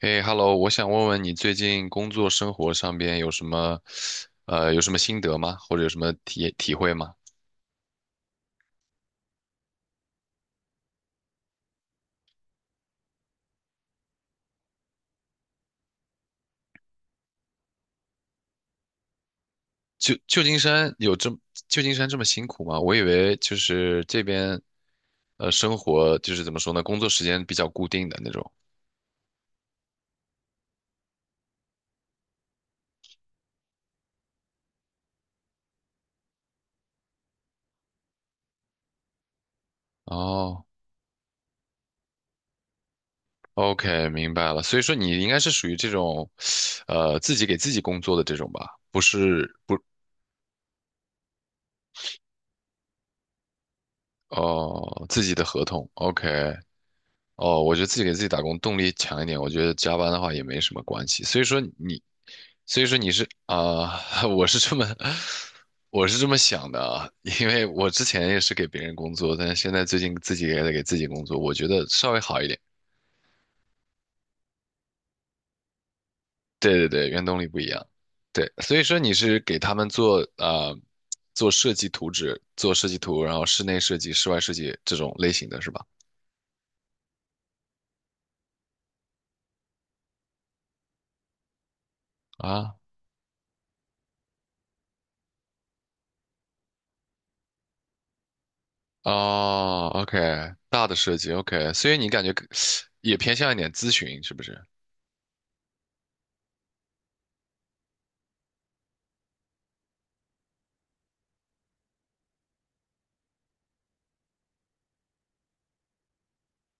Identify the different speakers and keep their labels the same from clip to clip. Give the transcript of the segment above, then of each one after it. Speaker 1: 哎，Hello，我想问问你最近工作生活上边有什么，有什么心得吗？或者有什么体会吗？旧旧金山有这么旧金山这么辛苦吗？我以为就是这边生活就是怎么说呢，工作时间比较固定的那种。哦，OK，明白了。所以说你应该是属于这种，自己给自己工作的这种吧？不是不哦，自己的合同。OK，哦，我觉得自己给自己打工动力强一点，我觉得加班的话也没什么关系。所以说你是啊、我是这么想的啊，因为我之前也是给别人工作，但是现在最近自己也在给自己工作，我觉得稍微好一点。对对对，原动力不一样。对，所以说你是给他们做设计图纸，做设计图，然后室内设计、室外设计这种类型的是吧？啊，哦，OK，大的设计，OK，所以你感觉更也偏向一点咨询，是不是？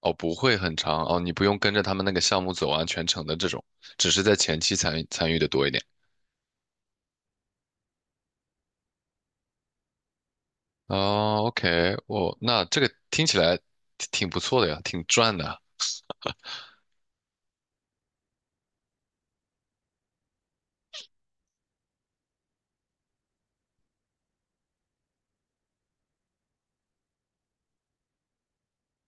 Speaker 1: 哦，不会很长哦，你不用跟着他们那个项目走完全程的这种，只是在前期参与参与的多一点。哦，OK，哦，那这个听起来挺不错的呀，挺赚的。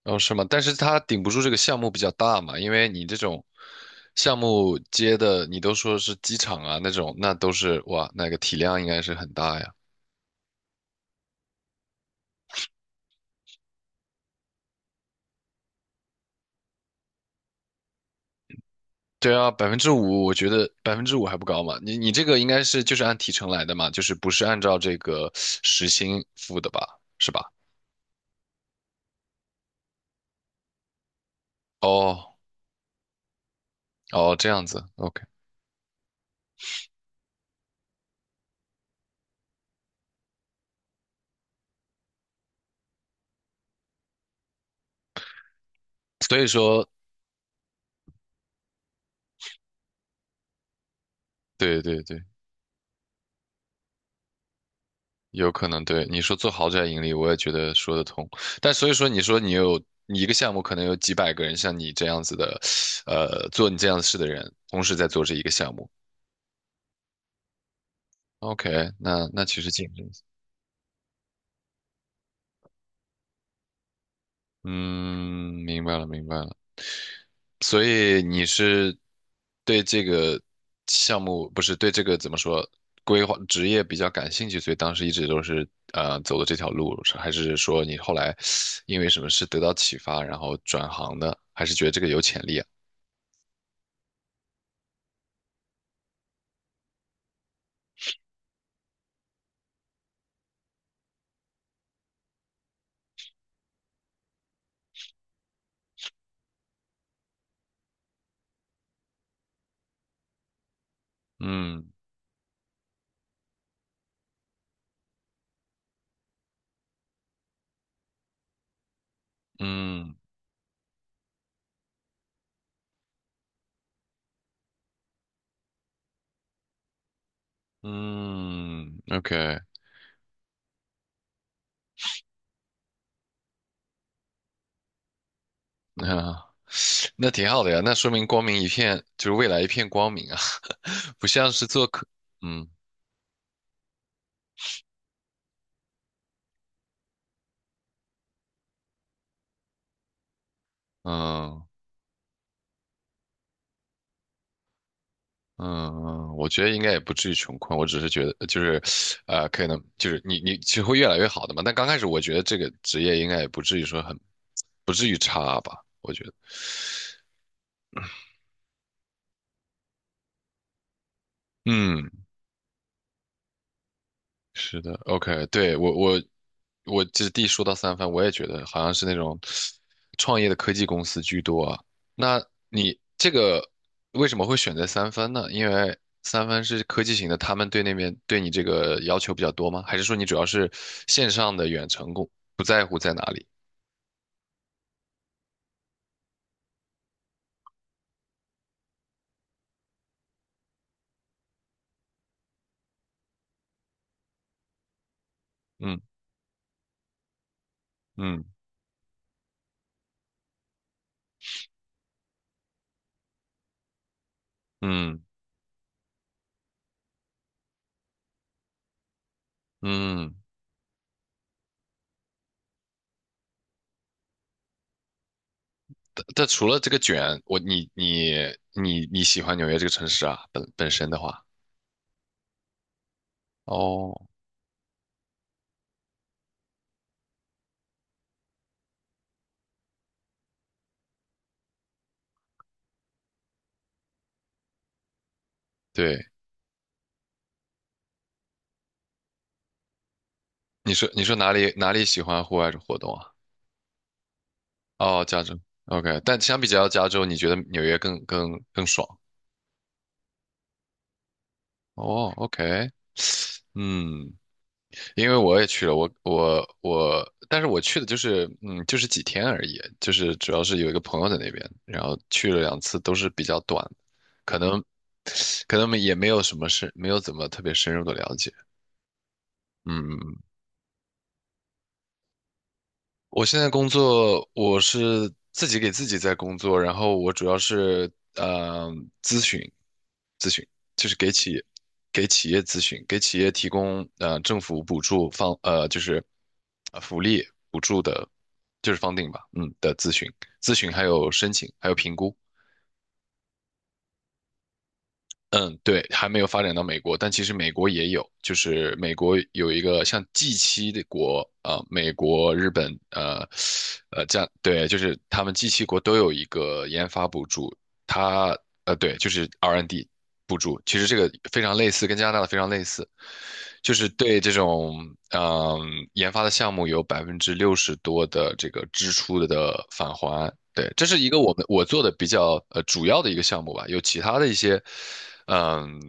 Speaker 1: 哦，是吗？但是它顶不住这个项目比较大嘛，因为你这种项目接的，你都说是机场啊那种，那都是哇，那个体量应该是很大呀。对啊，百分之五，我觉得百分之五还不高嘛。你这个应该是就是按提成来的嘛，就是不是按照这个时薪付的吧？是吧？哦哦，这样子，OK。所以说，对对对，有可能对你说做豪宅盈利，我也觉得说得通。但所以说，你一个项目可能有几百个人像你这样子的，做你这样的事的人，同时在做这一个项目。OK，那那其实竞争，嗯，明白了明白了。所以你是对这个项目，不是对这个怎么说，规划职业比较感兴趣，所以当时一直都是走的这条路，是还是说你后来因为什么事得到启发，然后转行的，还是觉得这个有潜力啊？嗯嗯嗯，OK，那那挺好的呀，那说明光明一片，就是未来一片光明啊，不像是做客，嗯嗯。嗯，我觉得应该也不至于穷困，我只是觉得就是，可能就是你其实会越来越好的嘛。但刚开始我觉得这个职业应该也不至于说很，不至于差吧，我觉得。嗯，是的，OK，对，我这第一说到三分，我也觉得好像是那种创业的科技公司居多啊。那你这个为什么会选择三分呢？因为三分是科技型的，他们对那边对你这个要求比较多吗？还是说你主要是线上的远程工，不在乎在哪里？嗯嗯嗯嗯。但除了这个卷，我你你你你喜欢纽约这个城市啊，本身的话，哦，对。你说哪里喜欢户外活动啊？哦，加州，OK。但相比较加州，你觉得纽约更爽？哦，OK，嗯，因为我也去了，我我我，但是我去的就是几天而已，就是主要是有一个朋友在那边，然后去了两次，都是比较短，可能可能也没有什么深，没有怎么特别深入的了解。嗯，我现在工作，我是自己给自己在工作，然后我主要是呃咨询，咨询就是给企业咨询，给企业提供政府补助方就是福利补助的，就是 f u 吧，的咨询还有申请还有评估。嗯，对，还没有发展到美国，但其实美国也有，就是美国有一个像 g 七的国，啊，美国、日本，这样，对，就是他们 g 七国都有一个研发补助，它，对，就是 R&D N 补助，其实这个非常类似，跟加拿大的非常类似，就是对这种，嗯、研发的项目有60%多的这个支出的返还。对，这是一个我做的比较主要的一个项目吧，有嗯，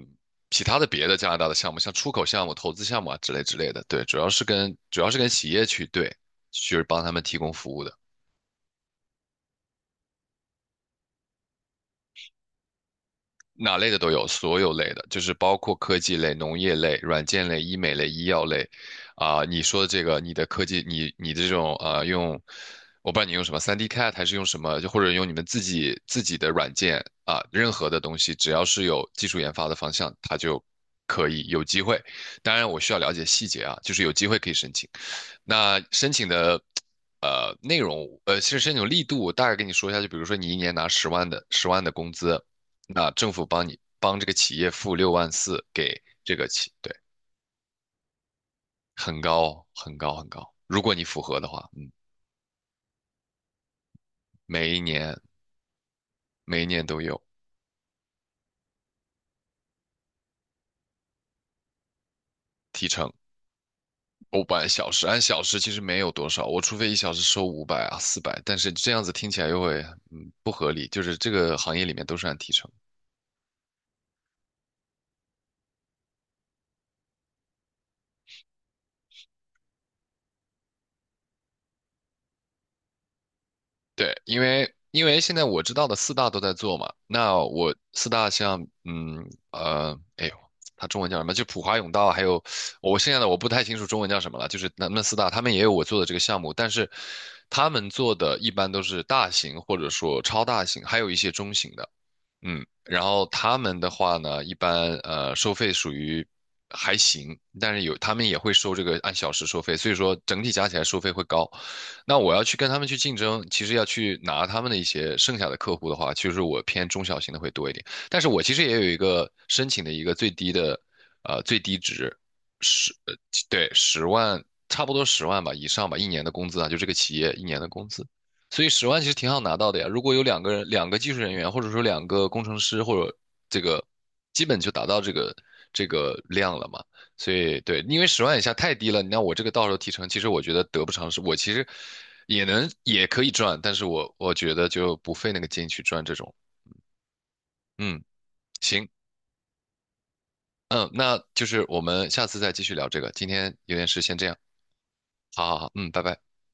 Speaker 1: 其他的别的加拿大的项目，像出口项目、投资项目啊之类之类的，对，主要是跟企业去对，就是帮他们提供服务的。哪类的都有，所有类的，就是包括科技类、农业类、软件类、医美类、医药类，啊、你说的这个，你的科技，你的这种用，我不知道你用什么 3D CAD 还是用什么，就或者用你们自己的软件啊、任何的东西，只要是有技术研发的方向，它就可以有机会。当然，我需要了解细节啊，就是有机会可以申请。那申请的内容，其实申请力度，我大概跟你说一下，就比如说你一年拿十万的工资，那政府帮这个企业付6.4万给这个企，对，很高很高很高。如果你符合的话，嗯，每一年每一年都有提成。不按小时按小时其实没有多少，我除非一小时收500啊400 4 0但是这样子听起来又会不合理，就是这个行业里面都是按提成。对，因为现在我知道的四大都在做嘛，那我四大像哎呦，它中文叫什么？就普华永道，还有我现在的我不太清楚中文叫什么了，就是那四大，他们也有我做的这个项目，但是他们做的一般都是大型或者说超大型，还有一些中型的。嗯，然后他们的话呢，一般收费属于还行，但是有他们也会收这个按小时收费，所以说整体加起来收费会高。那我要去跟他们去竞争，其实要去拿他们的一些剩下的客户的话，其实我偏中小型的会多一点。但是我其实也有一个申请的一个最低的最低值十呃对，十万，差不多十万吧以上吧，一年的工资啊，就这个企业一年的工资。所以十万其实挺好拿到的呀。如果有两个人、两个技术人员，或者说两个工程师，或者这个，基本就达到这个量了嘛。所以对，因为十万以下太低了，你让我这个到时候提成，其实我觉得得不偿失。我其实也可以赚，但是我觉得就不费那个劲去赚这种。嗯，行，嗯，那就是我们下次再继续聊这个。今天有点事，先这样。好好好，嗯，拜拜。